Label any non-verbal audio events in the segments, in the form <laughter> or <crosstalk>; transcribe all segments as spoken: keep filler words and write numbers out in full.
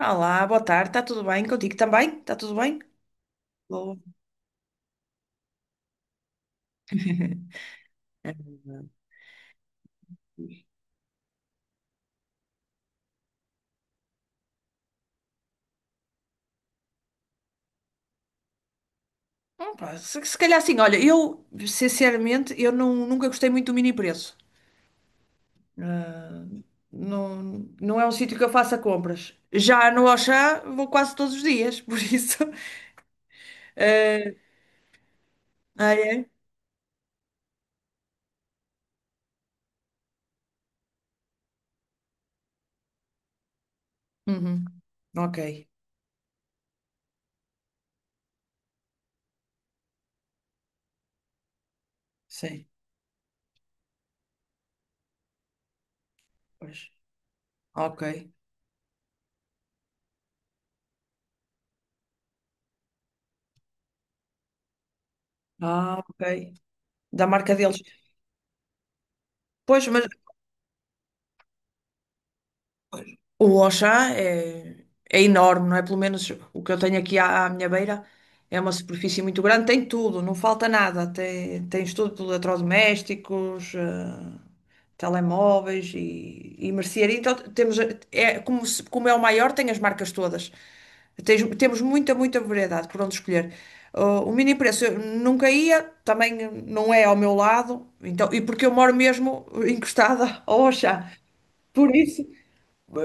Olá, boa tarde, está tudo bem contigo também? Está tudo bem? Boa. <laughs> Hum, pá, se, se calhar assim, olha, eu sinceramente eu não- nunca gostei muito do mini preço. Ah, não, não é um sítio que eu faça compras. Já no Auchan vou quase todos os dias, por isso. <laughs> eh, ah, é? Uhum. Ok, sim, pois. Ok. Ah, ok. Da marca deles. Pois, mas o Auchan é, é enorme, não é? Pelo menos o que eu tenho aqui à, à minha beira é uma superfície muito grande, tem tudo, não falta nada. Tem, tens tudo, de eletrodomésticos, eh, telemóveis e, e mercearia. Então temos, é, como, se- como é o maior, tem as marcas todas. Tens- temos muita, muita variedade por onde escolher. Ah, o mini preço eu nunca ia, também não é ao meu lado, então, e porque eu moro mesmo encostada ao Auchan. Por isso,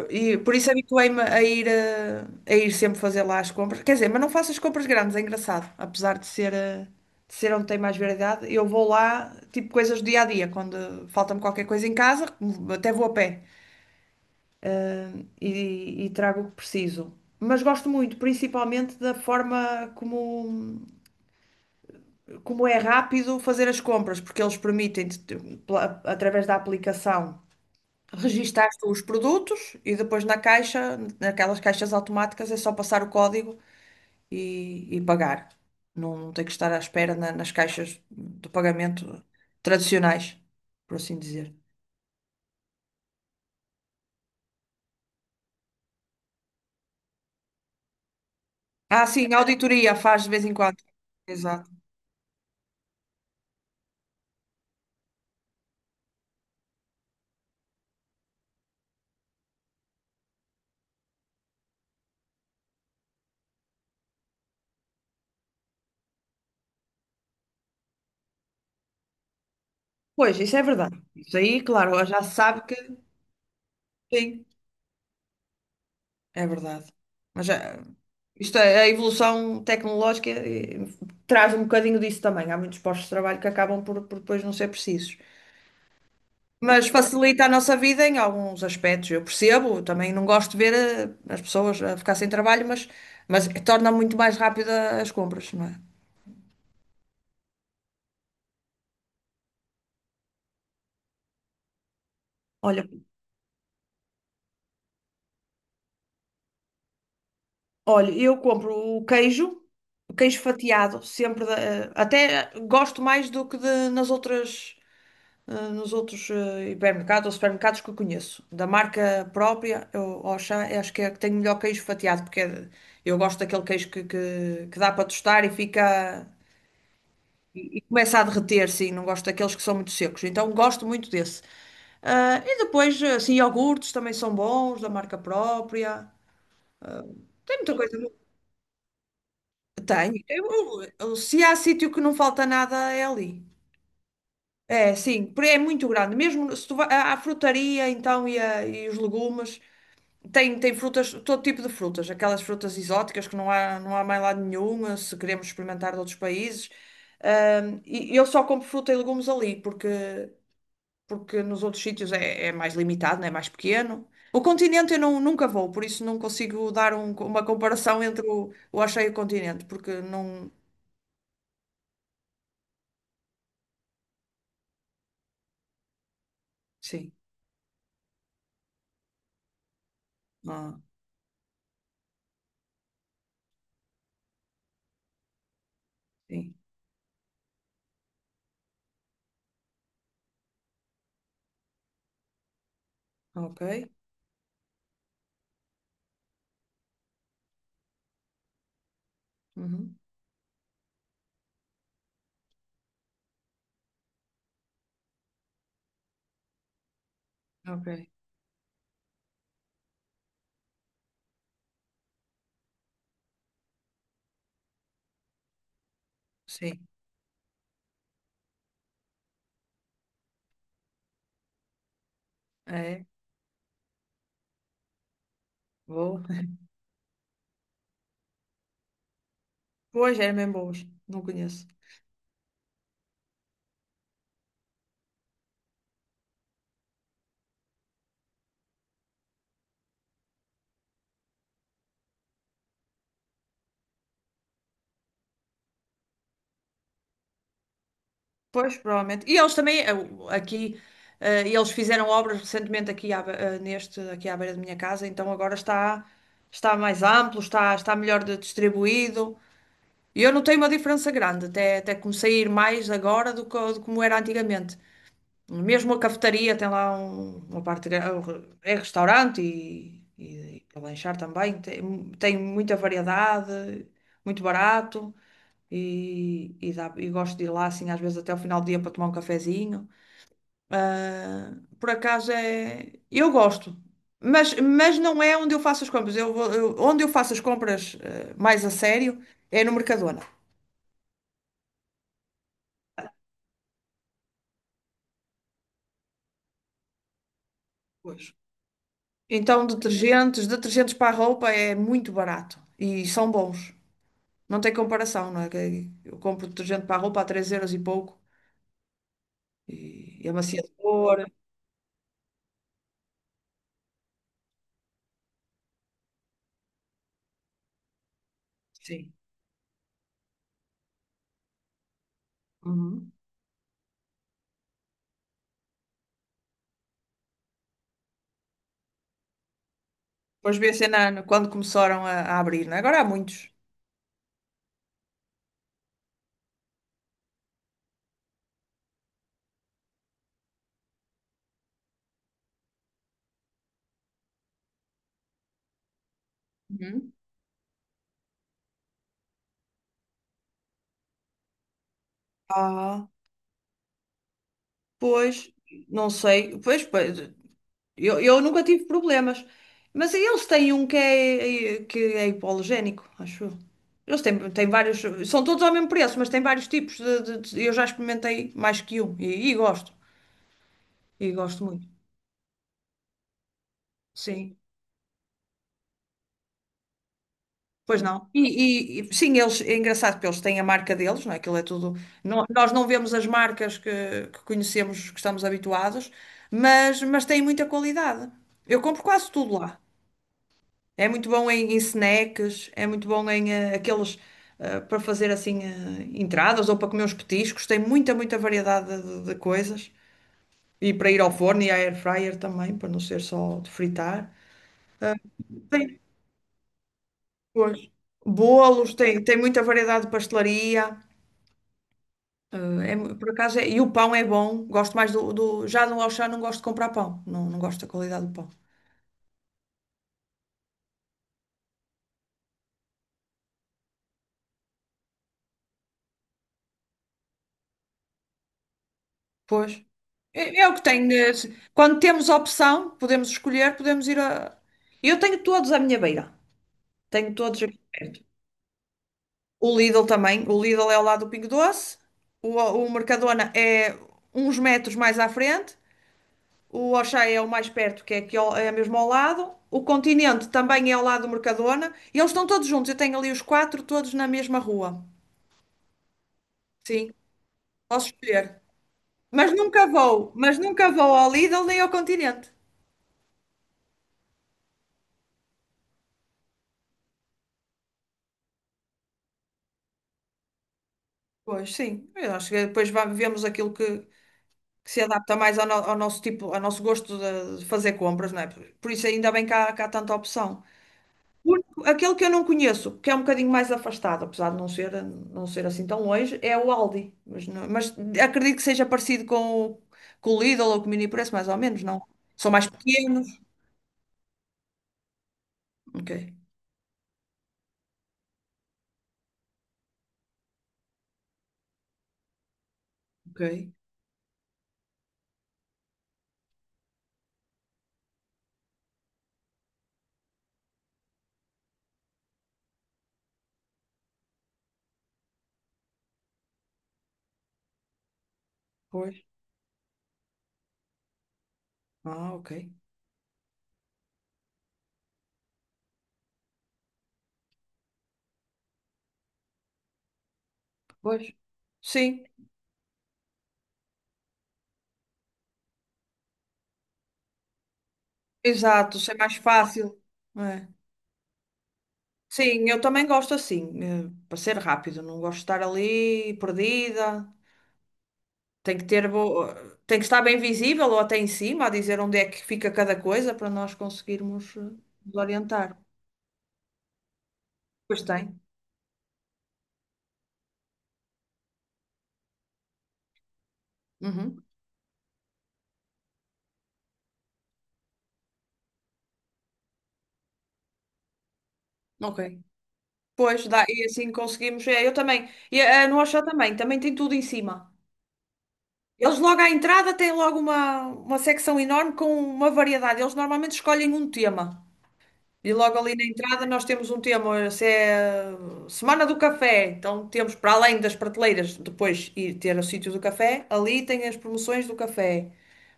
e por isso habituei-me a ir, eh, a, ir sempre fazer lá as compras. Quer dizer, mas não faço as compras grandes, é engraçado. Apesar de ser, eh, de ser onde tem mais variedade, eu vou lá, tipo, coisas do dia a dia. Quando falta-me qualquer coisa em casa, até vou a pé e, e trago o que preciso. Mas gosto muito, principalmente da forma como, como é rápido fazer as compras, porque eles permitem, através da aplicação. Registaste os produtos e depois na caixa, naquelas caixas automáticas, é só passar o código e, e pagar. Não não tem que estar à espera na- nas caixas de pagamento tradicionais, por assim dizer. Ah, sim, a auditoria faz de vez em quando. Exato. Pois, isso é verdade. Isso aí, claro, já se sabe que sim, é verdade. Mas eh, isto é, a evolução tecnológica eh, traz um bocadinho disso também. Há muitos postos de trabalho que acabam por, por depois não ser precisos. Mas facilita a nossa vida em alguns aspectos. Eu percebo, também não gosto de ver eh, as pessoas a ficar sem trabalho, mas, mas torna muito mais rápida as compras, não é? Olha, olha, eu compro o queijo, o queijo fatiado, sempre da- eh, até gosto mais do que de- nas outras, eh, nos outros eh, hipermercados ou supermercados que eu conheço. Da marca própria, eu Auchan, eu acho que é que tem melhor queijo fatiado, porque é- de- eu gosto daquele queijo que, que, que dá para tostar e fica. E começa a derreter, sim, não gosto daqueles que são muito secos, então gosto muito desse. Ah, e depois, assim, iogurtes também são bons, da marca própria. Tem muita coisa boa. Tem. Eu- eu- se há sítio que não falta nada, é ali. É, sim, porque é muito grande. Mesmo se tu vai à à frutaria, então, e, a- e os legumes, tem, tem frutas, todo tipo de frutas. Aquelas frutas exóticas que não há, não há mais lado nenhum, se queremos experimentar de outros países. Ah, e e eu só compro fruta e legumes ali, porque porque nos outros sítios é, é mais limitado, né? É mais pequeno. O continente eu não, nunca vou, por isso não consigo dar um- uma comparação entre o, o Axé e o continente, porque não. Sim. Ah, sim. Ok. Uhum. Ok. Sim. É. Vou. <laughs> Pois, é mesmo boas. Não conheço. Pois, provavelmente. E eles também, eh, o- aqui, eh, eles fizeram obras recentemente aqui, à, be- eh, neste, aqui à beira da minha casa, então agora está, está mais amplo, está, está melhor de- distribuído. E eu notei uma diferença grande, até, até comecei a ir mais agora do que do como era antigamente. Mesmo a cafetaria tem lá um- uma parte, gra- é restaurante e, e, e lanchar também, tem, tem muita variedade, muito barato e, e, dá- e gosto de ir lá assim às vezes até ao final do dia para tomar um cafezinho. Ah, por acaso é, eu gosto. Mas, mas não é onde eu faço as compras. Eu, vou- eu- onde eu faço as compras, eh, mais a sério é no Mercadona. Pois. Então, detergentes, detergentes para a roupa é muito barato e são bons. Não tem comparação, não é? Que eu compro detergente para a roupa a três euros e pouco e e amaciador. Sim. Uhum. Pois vê se na- quando começaram a, a abrir, não é? Agora há muitos. Uhum. Ah, pois, não sei. Pois, pois, Eu, eu nunca tive problemas. Mas eles têm um que é, que é hipoalergénico, acho eu. Eles têm, têm vários. São todos ao mesmo preço, mas têm vários tipos. De, de- de- eu já experimentei mais que um e, e gosto. E gosto muito. Sim. Pois não. E, e- e, sim, eles, é engraçado porque eles têm a marca deles, não é? Aquilo é tudo. Nó- nós não vemos as marcas que, que conhecemos, que estamos habituados, mas, mas têm muita qualidade. Eu compro quase tudo lá. É muito bom em, em snacks, é muito bom em eh, aqueles eh, para fazer assim eh, entradas ou para comer uns petiscos. Tem muita, muita variedade de, de coisas. E para ir ao forno e à air fryer também, para não ser só de fritar. Tem, pois, bolos, tem, tem muita variedade de pastelaria. Eh, é mu- por acaso, é- e o pão é bom. Gosto mais do, do- Já no Auchan não gosto de comprar pão. Não, não gosto da qualidade do pão. Pois. É, é o que tenho. eh, se- Quando temos opção, podemos escolher, podemos ir a. Eu tenho todos à minha beira. Tenho todos aqui perto. O Lidl também. O Lidl é ao lado do Pingo Doce. O, o Mercadona é uns metros mais à frente. O Auchan é o mais perto, que é aqui ao, é mesmo ao lado. O Continente também é ao lado do Mercadona. E eles estão todos juntos. Eu tenho ali os quatro todos na mesma rua. Sim, posso escolher. Mas nunca vou, mas nunca vou ao Lidl nem ao Continente. Pois sim, eu acho que depois va- vemos aquilo que, que se adapta mais ao, no- ao nosso tipo, ao nosso gosto de de fazer compras, não é? Por por isso ainda bem que há, que há tanta opção. O único- Aquele que eu não conheço, que é um bocadinho mais afastado, apesar de não ser, não ser assim tão longe, é o Aldi. Mas, não- Mas acredito que seja parecido com, o- com o Lidl ou com o Mini Preço, mais ou menos, não? São mais pequenos. Ok, ok, pois. Ah, ok. Pois. Sim, exato, isso é mais fácil. Não é? Sim, eu também gosto assim, eh, para ser rápido, não gosto de estar ali perdida. Tem que ter bo... Tem que estar bem visível ou até em cima a dizer onde é que fica cada coisa para nós conseguirmos eh, nos orientar. Pois tem. Uhum. Ok. Pois dá, e assim conseguimos. É, eu também. E a a nossa também, também tem tudo em cima. Eles logo à entrada têm logo uma, uma secção enorme com uma variedade. Eles normalmente escolhem um tema. E logo ali na entrada nós temos um tema, essa é Semana do Café. Então temos, para além das prateleiras, depois ir ter o sítio do café, ali tem as promoções do café.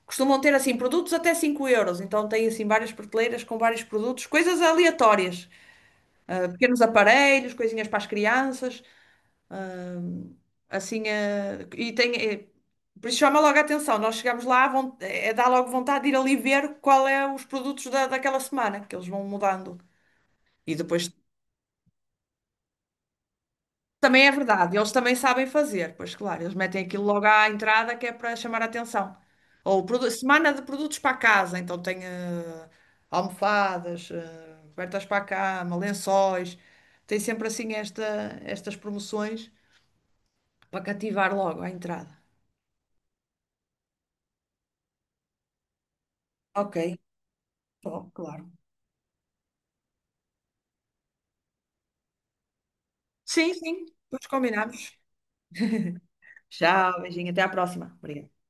Costumam ter assim produtos até cinco euros, então tem assim várias prateleiras com vários produtos, coisas aleatórias, ah, pequenos aparelhos, coisinhas para as crianças, assim, ah, e tem, eh, por isso chama logo a atenção, nós chegamos lá, vão, é, dá logo vontade de ir ali ver qual é os produtos da, daquela semana, que eles vão mudando. E depois também é verdade, eles também sabem fazer, pois claro, eles metem aquilo logo à entrada que é para chamar a atenção. Ou produ- semana de produtos para a casa, então tem eh, almofadas, eh, cobertas para a cama, lençóis, tem sempre assim esta, estas promoções para cativar logo à entrada. Ok, bom, claro. Sim, sim, depois combinamos. Tchau, beijinho, até à próxima. Obrigada.